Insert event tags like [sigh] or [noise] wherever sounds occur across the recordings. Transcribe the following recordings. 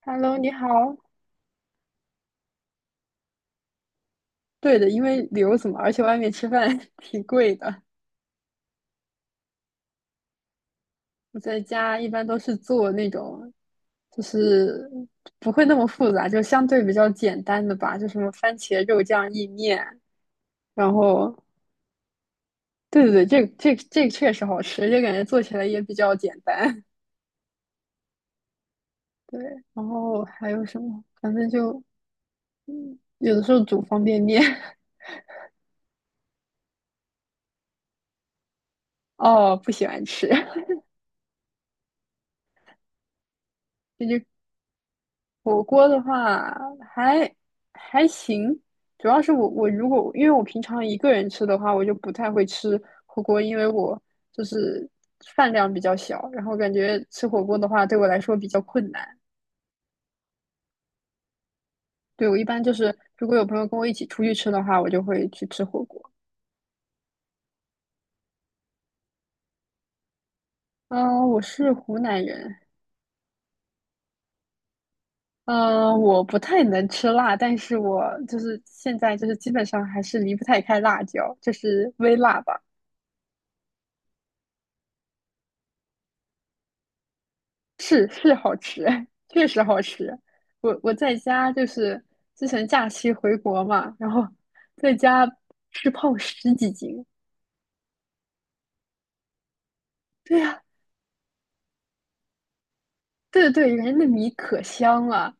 Hello，你好。对的，因为留子嘛，而且外面吃饭 [laughs] 挺贵的。我在家一般都是做那种，就是不会那么复杂，就相对比较简单的吧，就什么番茄肉酱意面。然后，对对对，这个确实好吃，就感觉做起来也比较简单。[laughs] 对，然后还有什么？反正就有的时候煮方便面，[laughs] 哦，不喜欢吃。[laughs] 这就火锅的话还还行，主要是我如果因为我平常一个人吃的话，我就不太会吃火锅，因为我就是饭量比较小，然后感觉吃火锅的话对我来说比较困难。对，我一般就是如果有朋友跟我一起出去吃的话，我就会去吃火锅。嗯，我是湖南人，嗯，我不太能吃辣，但是我就是现在就是基本上还是离不太开辣椒，就是微辣吧。是是好吃，[laughs] 确实好吃。我在家就是之前假期回国嘛，然后在家吃胖十几斤。对呀，对对对，人家那米可香了。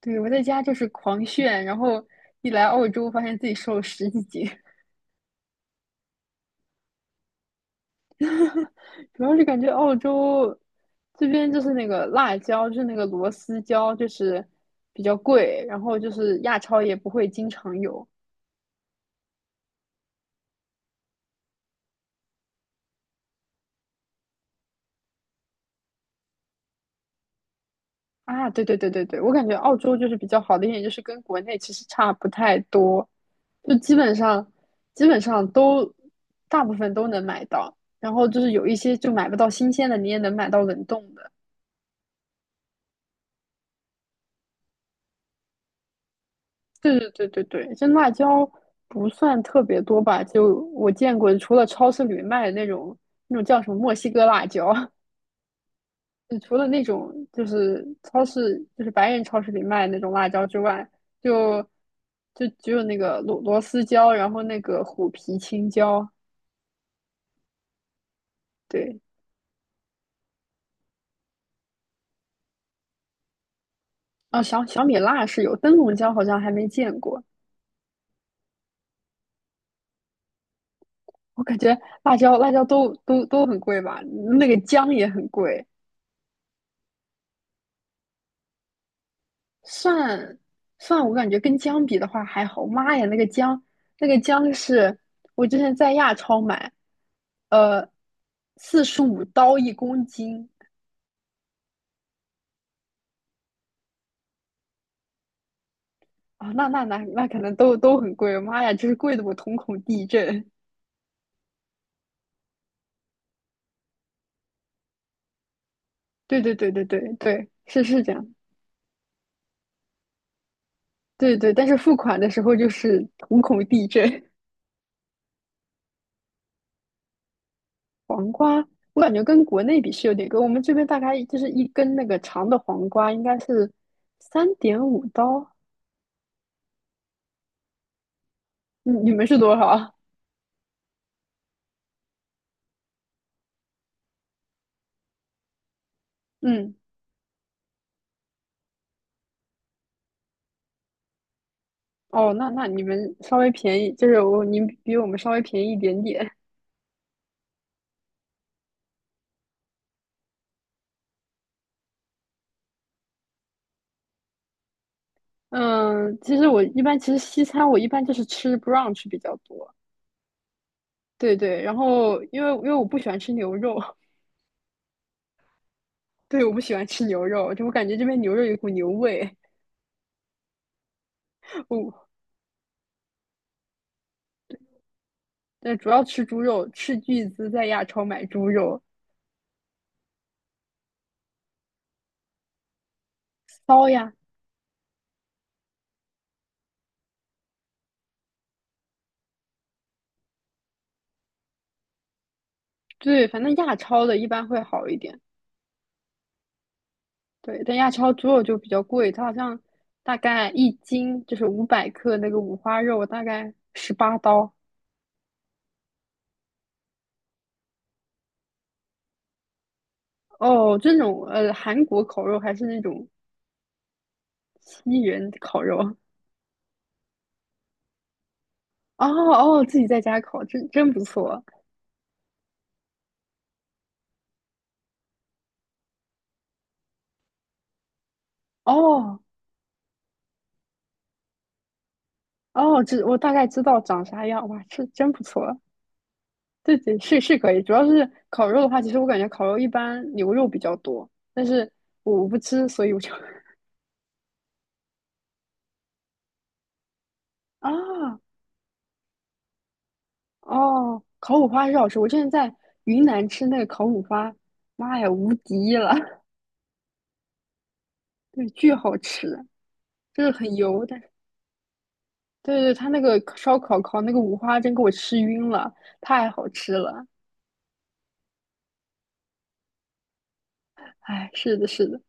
对，我在家就是狂炫，然后一来澳洲发现自己瘦了十几斤，[laughs] 主要是感觉澳洲这边就是那个辣椒，就是那个螺丝椒，就是比较贵，然后就是亚超也不会经常有，啊，对对对对对，我感觉澳洲就是比较好的一点，就是跟国内其实差不太多，就基本上都大部分都能买到，然后就是有一些就买不到新鲜的，你也能买到冷冻的。对对对对对，这辣椒不算特别多吧，就我见过，除了超市里面卖的那种那种叫什么墨西哥辣椒，[laughs] 就除了那种就是超市，就是白人超市里卖那种辣椒之外，就就只有那个螺丝椒，然后那个虎皮青椒，对，啊，小米辣是有，灯笼椒好像还没见过。我感觉辣椒都很贵吧，那个姜也很贵，蒜蒜我感觉跟姜比的话还好。妈呀，那个姜是我之前在亚超买，呃，45刀1公斤，啊，那可能都很贵，妈呀，就是贵的我瞳孔地震。对对对对对对，是是这样，对对，但是付款的时候就是瞳孔地震。[laughs] 黄瓜，我感觉跟国内比是有点贵，我们这边大概就是一根那个长的黄瓜应该是3.5刀，你们是多少啊？嗯，哦，那你们稍微便宜，就是你们比我们稍微便宜一点点。嗯，其实我一般其实西餐我一般就是吃 brunch 比较多。对对，然后因为我不喜欢吃牛肉，[laughs] 对，我不喜欢吃牛肉，就我感觉这边牛肉有一股牛味。[laughs] 哦，但主要吃猪肉，斥巨资在亚超买猪肉，骚呀，对，反正亚超的一般会好一点。对，但亚超猪肉就比较贵，它好像大概1斤就是500克那个五花肉，大概18刀。哦，这种韩国烤肉还是那种西人烤肉。哦哦，自己在家烤，真不错。哦，哦，我大概知道长啥样，哇，这真不错。对对，是是可以，主要是烤肉的话，其实我感觉烤肉一般牛肉比较多，但是我不吃，所以我就 [laughs] 啊哦，烤五花是好吃。我之前在云南吃那个烤五花，妈呀，无敌了，[laughs] 对，巨好吃，就是很油，但是对对，他那个烧烤烤那个五花真给我吃晕了，太好吃了。哎，是的，是的，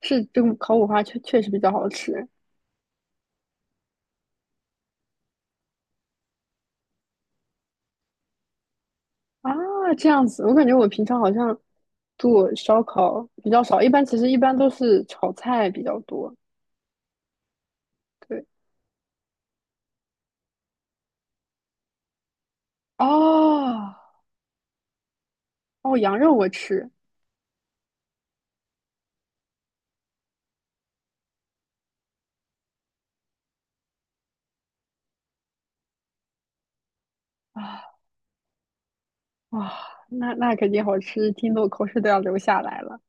是这个烤五花确实比较好吃。啊，这样子，我感觉我平常好像做烧烤比较少，一般其实一般都是炒菜比较多。对，哦哦，羊肉我吃啊，哇，那肯定好吃，听得我口水都要流下来了。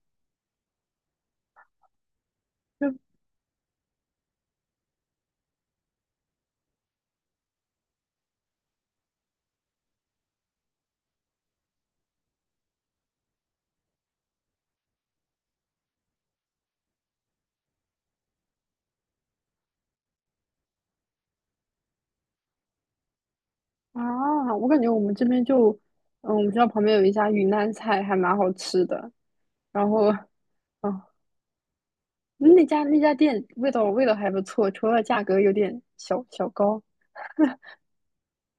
就啊，我感觉我们这边就，我们学校旁边有一家云南菜，还蛮好吃的。然后，啊，那家店味道还不错，除了价格有点小小高。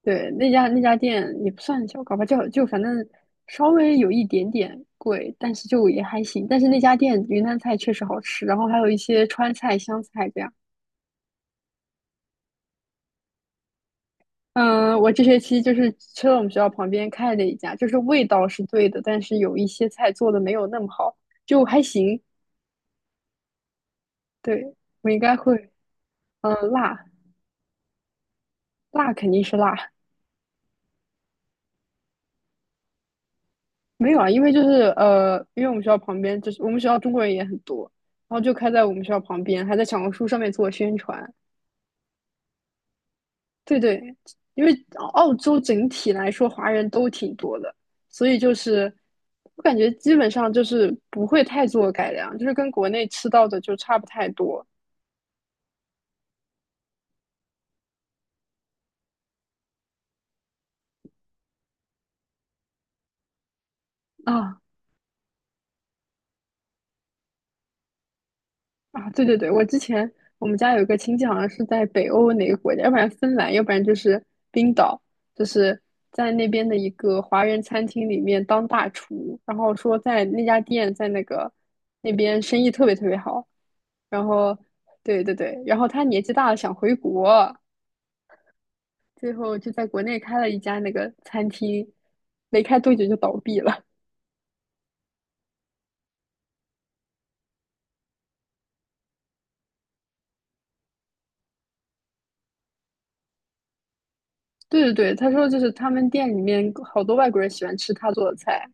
对，那家店也不算小，搞吧，就反正稍微有一点点贵，但是就也还行。但是那家店云南菜确实好吃，然后还有一些川菜、湘菜这样。嗯，我这学期就是去了我们学校旁边开的一家，就是味道是对的，但是有一些菜做的没有那么好，就还行。对，我应该会，嗯，辣肯定是辣，没有啊，因为就是因为我们学校旁边就是我们学校中国人也很多，然后就开在我们学校旁边，还在小红书上面做宣传。对对，因为澳洲整体来说华人都挺多的，所以就是我感觉基本上就是不会太做改良，就是跟国内吃到的就差不太多啊。啊，对对对，我之前我们家有一个亲戚，好像是在北欧哪个国家，要不然芬兰，要不然就是冰岛，就是在那边的一个华人餐厅里面当大厨，然后说在那家店在那边生意特别特别好，然后对对对，然后他年纪大了想回国，最后就在国内开了一家那个餐厅，没开多久就倒闭了。[laughs] 对对对，他说就是他们店里面好多外国人喜欢吃他做的菜。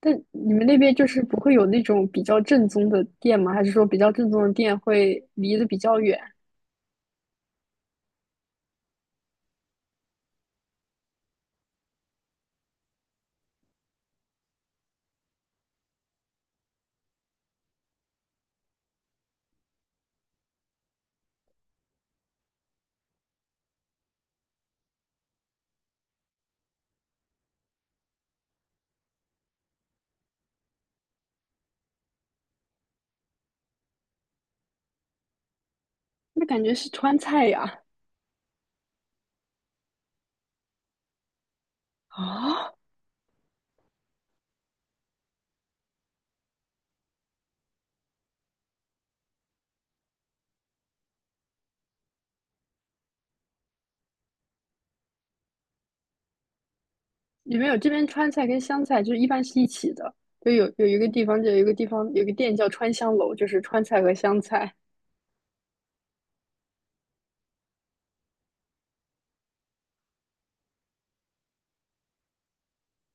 但你们那边就是不会有那种比较正宗的店吗？还是说比较正宗的店会离得比较远？那感觉是川菜呀。啊，有没有这边川菜跟湘菜就是一般是一起的？就有一个地方，就有一个地方有个店叫川香楼，就是川菜和湘菜。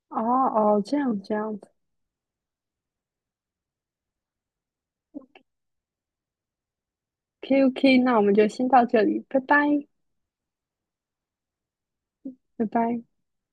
哦哦，这样子。OK OK，那我们就先到这里，拜拜拜拜。